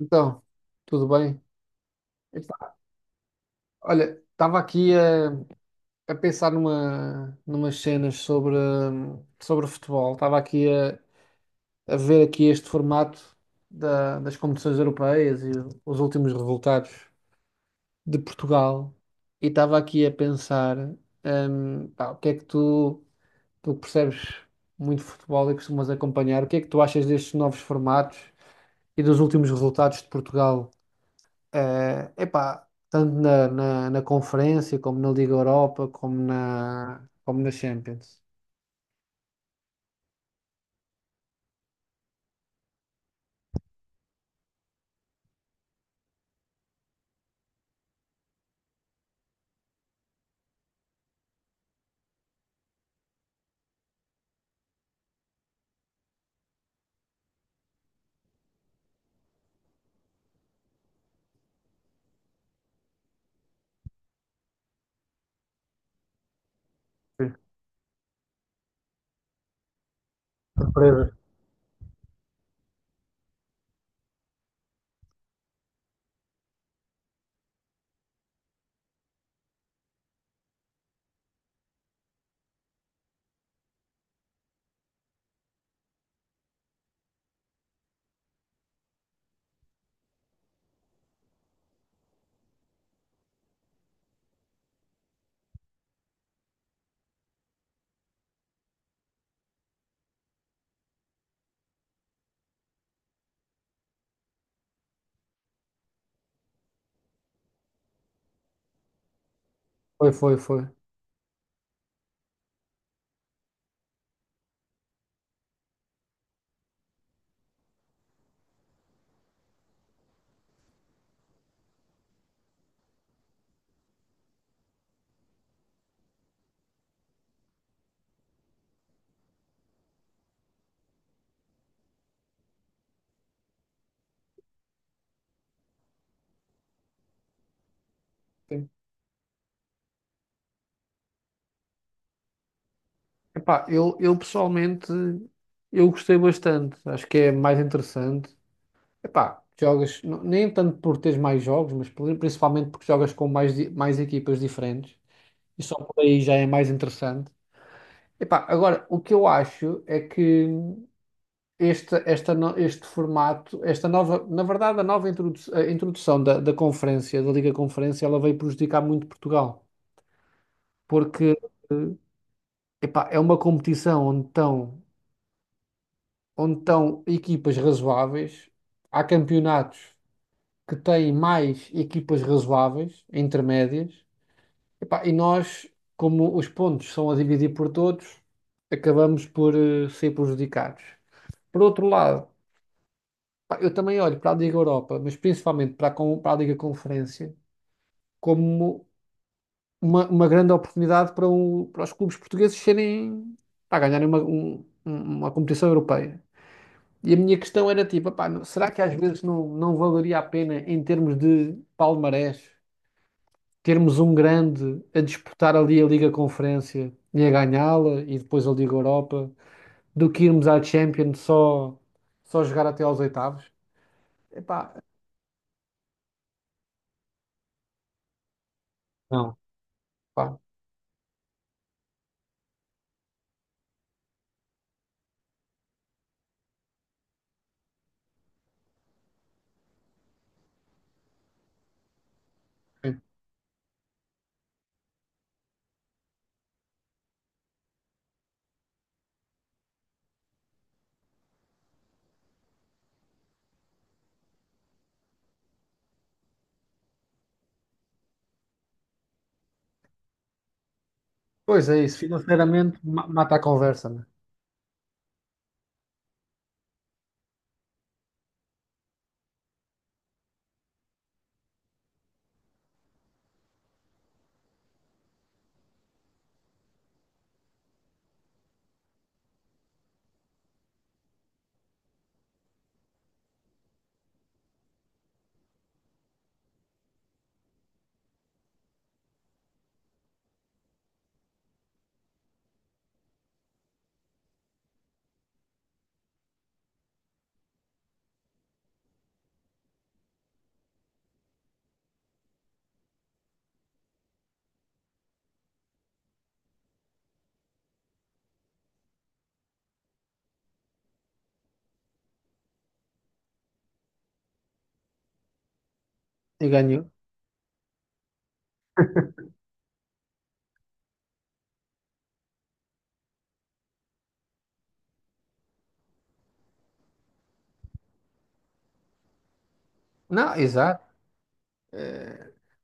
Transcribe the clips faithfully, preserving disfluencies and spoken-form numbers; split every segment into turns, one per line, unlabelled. Então, tudo bem? Epá, olha, estava aqui a, a pensar numa, numas cenas sobre, hum, sobre o futebol. Estava aqui a, a ver aqui este formato da- das competições europeias e os últimos resultados de Portugal. E estava aqui a pensar, hum, pá, o que é que tu, tu que percebes muito de futebol e costumas acompanhar, o que é que tu achas destes novos formatos e dos últimos resultados de Portugal? Eh, epá, tanto na, na, na conferência, como na Liga Europa, como na, como na Champions. Sim. Surpresa. Foi, foi, foi. Sim. Epá, eu, eu pessoalmente eu gostei bastante. Acho que é mais interessante. Epá, jogas n- nem tanto por teres mais jogos, mas por- principalmente porque jogas com mais, di- mais equipas diferentes. E só por aí já é mais interessante. Epá, agora, o que eu acho é que este, esta no- este formato, esta nova, na verdade, a nova introdu- a introdução da, da conferência, da Liga Conferência, ela veio prejudicar muito Portugal, porque eh, epá, é uma competição onde estão, onde estão equipas razoáveis, há campeonatos que têm mais equipas razoáveis, intermédias, epá, e nós, como os pontos são a dividir por todos, acabamos por eh, ser prejudicados. Por outro lado, pá, eu também olho para a Liga Europa, mas principalmente para a, con- para a Liga Conferência, como uma, uma grande oportunidade para, o- para os clubes portugueses serem, para ganharem uma, um- um, uma competição europeia. E a minha questão era tipo, "Epá, não- será que às vezes não, não valeria a pena, em termos de palmarés, termos um grande a disputar ali a Liga Conferência e a ganhá-la e depois a Liga Europa, do que irmos à Champions só, só jogar até aos oitavos? Epá, não. Pá. Pois é isso, financeiramente ma- mata a conversa, né? E ganhou. Não, exato.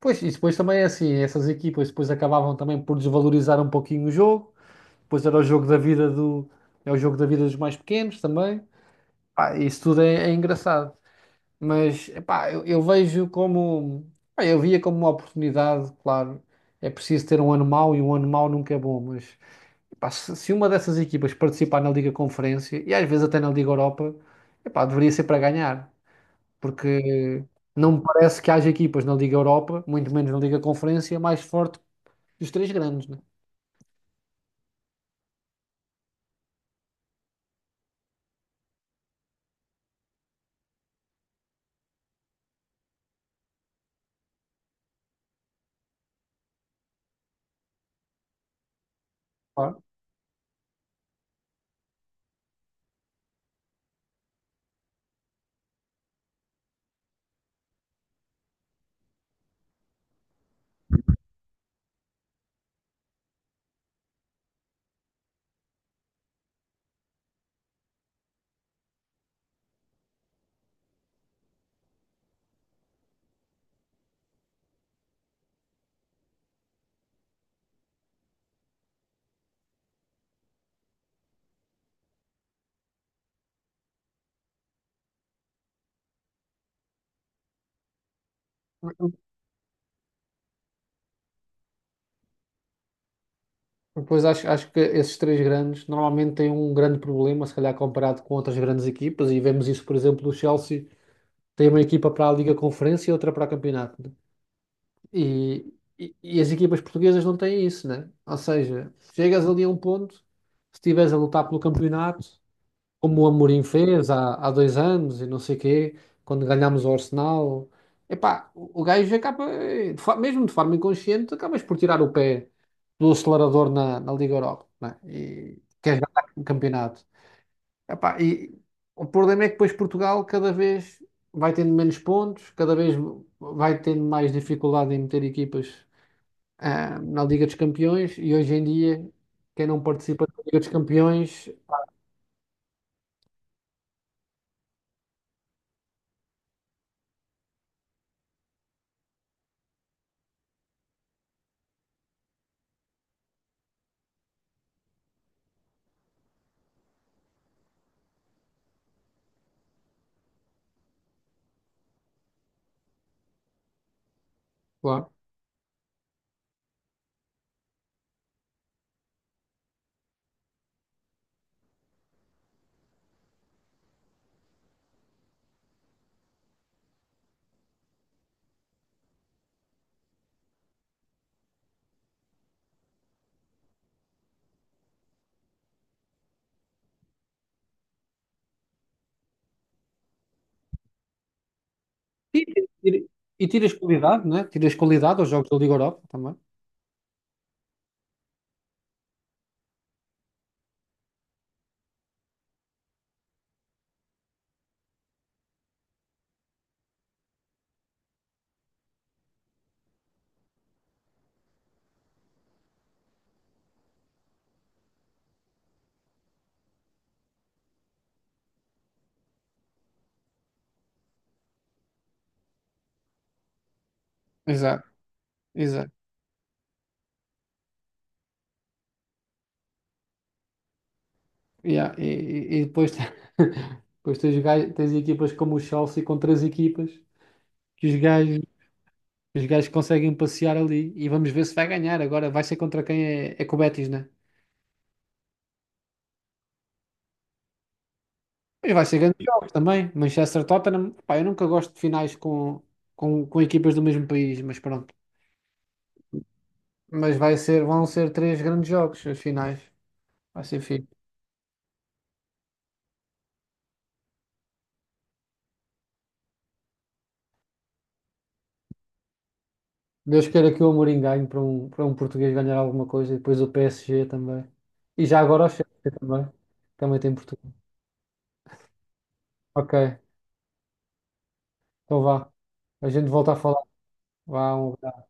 Pois, e depois também é assim, essas equipas depois acabavam também por desvalorizar um pouquinho o jogo, depois era o jogo da vida do, é o jogo da vida dos mais pequenos também. Pá, isso tudo é, é engraçado. Mas, epá, eu, eu vejo como, pá, eu via como uma oportunidade, claro, é preciso ter um ano mau e um ano mau nunca é bom, mas, epá, se, se uma dessas equipas participar na Liga Conferência, e às vezes até na Liga Europa, epá, deveria ser para ganhar, porque não me parece que haja equipas na Liga Europa, muito menos na Liga Conferência, mais forte que os três grandes, né? Claro. Depois acho, acho que esses três grandes normalmente têm um grande problema, se calhar comparado com outras grandes equipas, e vemos isso, por exemplo, do Chelsea, tem uma equipa para a Liga Conferência e outra para o campeonato, né? E, e, e as equipas portuguesas não têm isso, né? Ou seja, chegas ali a um ponto, se estiveres a lutar pelo campeonato, como o Amorim fez há, há dois anos e não sei quê, quando ganhámos o Arsenal. Epá, o o gajo acaba, eh, de fa- mesmo de forma inconsciente, acabas por tirar o pé do acelerador na, na Liga Europa, né? E queres ganhar o campeonato. Epá, e o problema é que depois Portugal cada vez vai tendo menos pontos, cada vez vai tendo mais dificuldade em meter equipas, ah, na Liga dos Campeões e hoje em dia quem não participa da Liga dos Campeões, claro. E, e- e tiras qualidade, não é? Tiras qualidade aos jogos da Liga Europa também. Exato, exato. Yeah. E, e- e depois, te- depois tens, gai- tens equipas como o Chelsea com três equipas que os gajos, os gajos conseguem passear ali e vamos ver se vai ganhar. Agora vai ser contra quem é, é com o Betis, né? Mas vai ser grandes jogos também. Manchester Tottenham, pá, eu nunca gosto de finais com, com, com equipas do mesmo país, mas pronto. Mas vai ser, vão ser três grandes jogos, as finais. Vai ser fixe. Deus queira que o Amorim ganhe para um, para um português ganhar alguma coisa e depois o P S G também. E já agora o Chelsea também. Também tem Portugal. Ok, então vá. A gente volta a falar. Vá, um abraço.